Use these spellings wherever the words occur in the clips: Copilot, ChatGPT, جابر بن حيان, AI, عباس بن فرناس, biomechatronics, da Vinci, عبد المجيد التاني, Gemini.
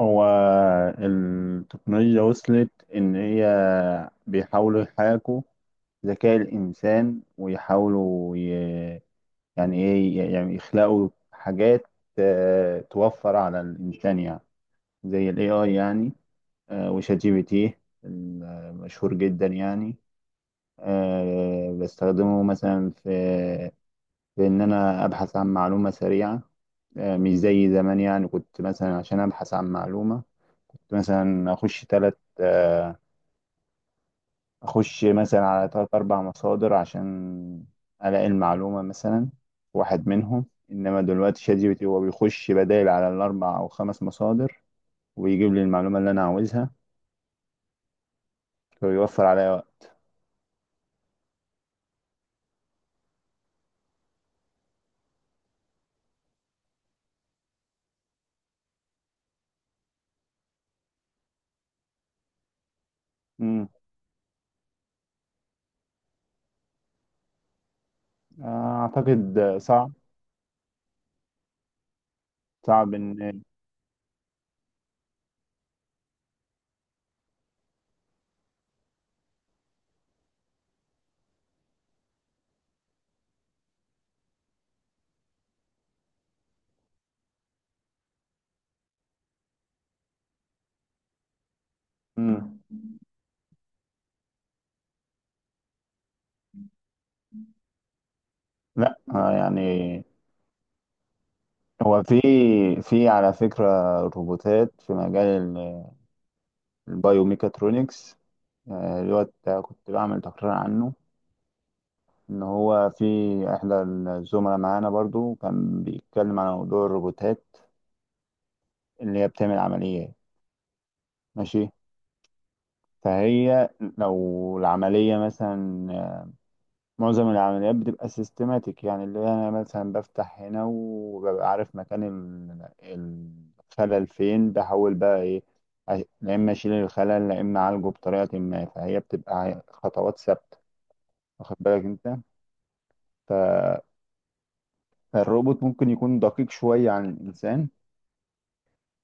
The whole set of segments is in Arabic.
هو التقنية وصلت إن هي بيحاولوا يحاكوا ذكاء الإنسان، ويحاولوا يعني إيه، يعني يخلقوا حاجات توفر على الإنسان، يعني زي ال AI يعني، وشات جي بي تي المشهور جدا يعني. بستخدمه مثلا في إن أنا أبحث عن معلومة سريعة، مش زي زمان. يعني كنت مثلا عشان أبحث عن معلومة، كنت مثلا اخش مثلا على ثلاث اربع مصادر عشان الاقي المعلومه مثلا في واحد منهم. انما دلوقتي شات جي بي تي هو بيخش بدائل على الاربع او خمس مصادر، ويجيب لي المعلومه اللي انا عاوزها، فبيوفر عليا وقت. امم اعتقد صعب. صعب ان امم لا، يعني هو في على فكره روبوتات في مجال ال- البايوميكاترونكس، اللي هو كنت بعمل تقرير عنه، ان هو في احدى الزملاء معانا برضو كان بيتكلم على موضوع الروبوتات اللي هي بتعمل عمليات. ماشي، فهي لو العملية مثلا، معظم العمليات بتبقى سيستماتيك، يعني اللي هي انا مثلا بفتح هنا وببقى عارف مكان الخلل فين، بحاول بقى ايه، لا اما اشيل الخلل لا اما اعالجه بطريقة ما، فهي بتبقى خطوات ثابتة، واخد بالك انت؟ فالروبوت ممكن يكون دقيق شوية عن الانسان،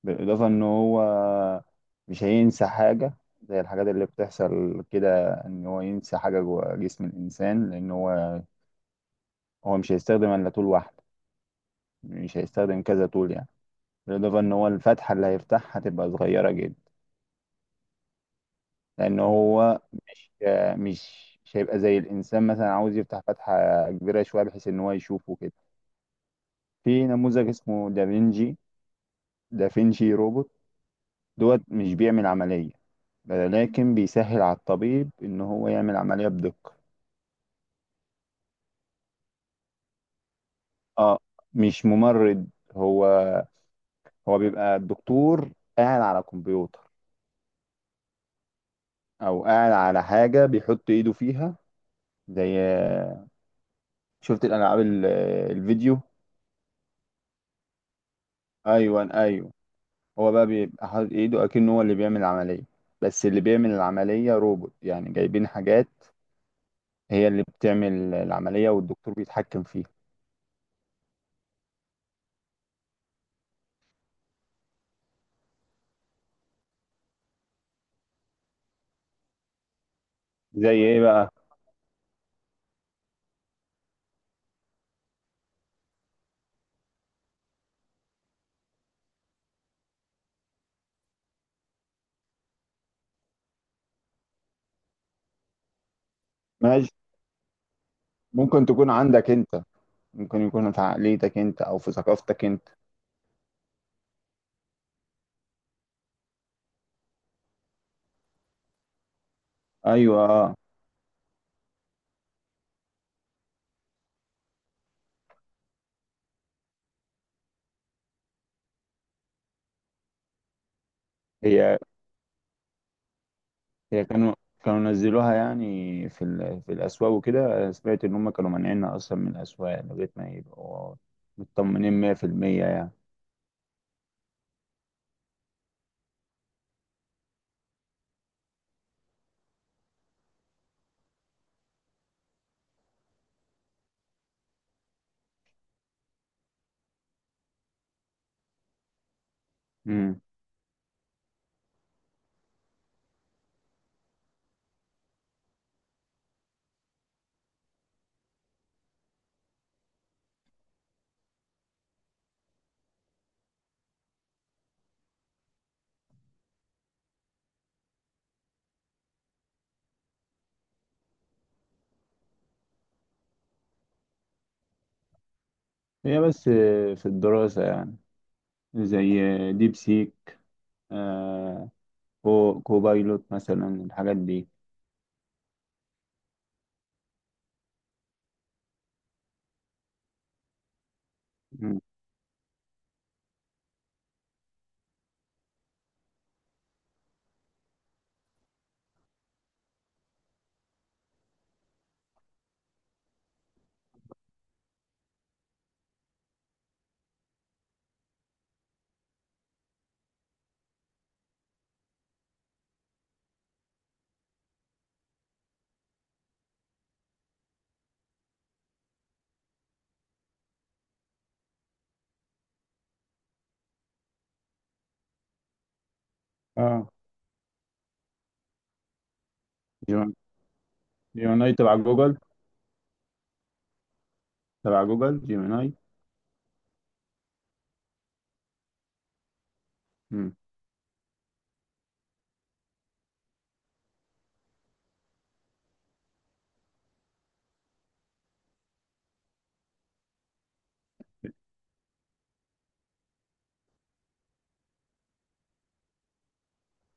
بالإضافة إن هو مش هينسى حاجة زي الحاجات اللي بتحصل كده، إن هو ينسى حاجة جوه جسم الإنسان، لأن هو مش هيستخدم إلا طول واحدة، مش هيستخدم كذا طول يعني. بالإضافة إن هو الفتحة اللي هيفتحها هتبقى صغيرة جدا، لأن هو مش هيبقى زي الإنسان مثلا عاوز يفتح فتحة كبيرة شوية بحيث إن هو يشوفه كده. في نموذج اسمه دافينشي، روبوت دوت، مش بيعمل عملية لكن بيسهل على الطبيب إن هو يعمل عملية بدقة. اه، مش ممرض. هو هو بيبقى الدكتور قاعد على كمبيوتر، او قاعد على حاجه بيحط ايده فيها، زي شفت الالعاب الفيديو. ايوه، ايوه. هو بقى بيبقى حاطط ايده اكنه هو اللي بيعمل العمليه، بس اللي بيعمل العمليه روبوت، يعني جايبين حاجات هي اللي بتعمل العمليه والدكتور بيتحكم فيها. زي ايه بقى؟ ماشي، ممكن تكون عندك انت، ممكن يكون في عقليتك انت او في ثقافتك انت. ايوه، اه. هي هي كانوا نزلوها يعني في في الأسواق وكده، سمعت إن هم كانوا مانعيننا أصلا من الأسواق لغاية ما يبقوا مطمنين 100% يعني. مم. هي بس في الدراسة يعني، زي ديب سيك، آه كوبايلوت مثلا، الحاجات دي. مم. اه، جيم- جيميناي تبع جوجل، تبع جوجل جيميناي. مم.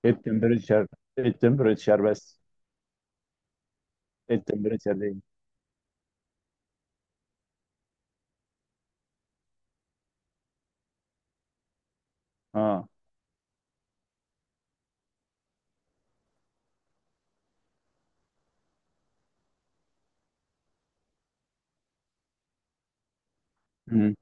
التمبريتشر التمبريتشر، بس التمبريتشر دي اه. مم.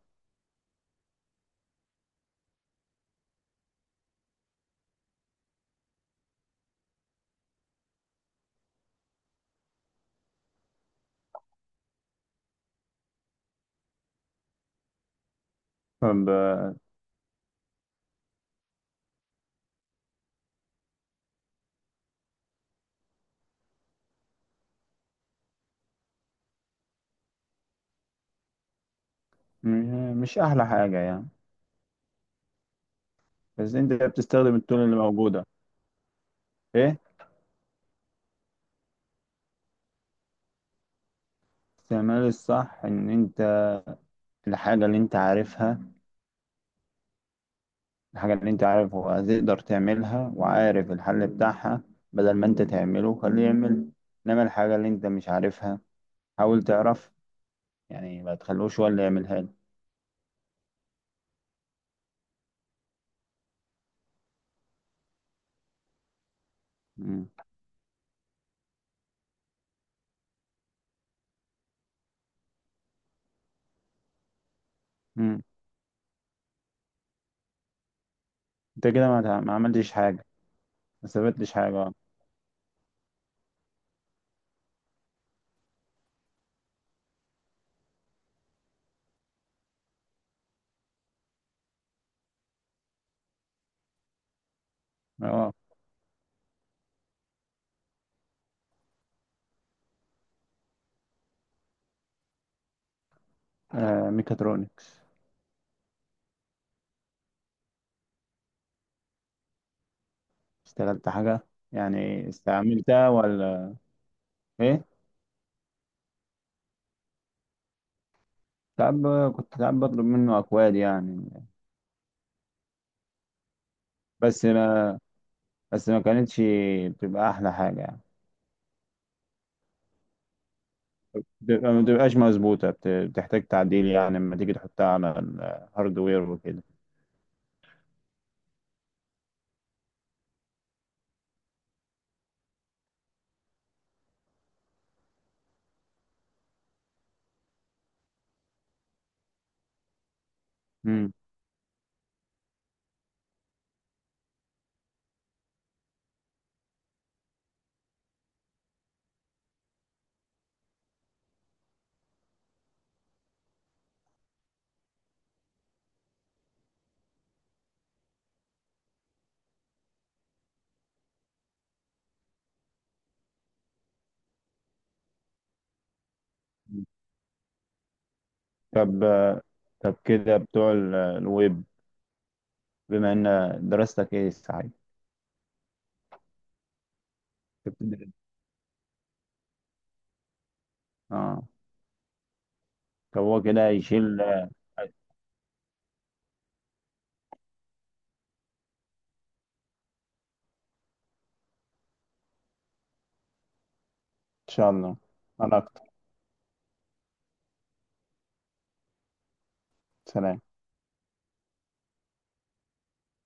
طب مش أحلى حاجة يعني، بس انت بتستخدم التول اللي موجودة. ايه استعمال الصح؟ ان انت الحاجة اللي انت عارفها، هتقدر تعملها وعارف الحل بتاعها، بدل ما انت تعمله خليه يعمل، انما الحاجة اللي انت مش عارفها حاول تعرف، يعني ما تخلوش هو اللي يعملها لك. مم. مم. انت كده ما عملتش حاجة، ما استفدتش حاجة اه. اه، ميكاترونكس. اشتغلت حاجة يعني، استعملتها ولا ايه؟ كنت ساعات بطلب منه اكواد يعني، بس بس ما كانتش بتبقى احلى حاجه يعني، بتبقى، ما بتبقاش مظبوطه، بتحتاج تعديل يعني لما تيجي تحطها على الهاردوير وكده. مم. طب، كده بتوع الويب، بما ان دراستك ايه صحيح، كنت بتدرس؟ اه. طب هو كده، يشيل ان شاء الله. انا اكتر. سلام.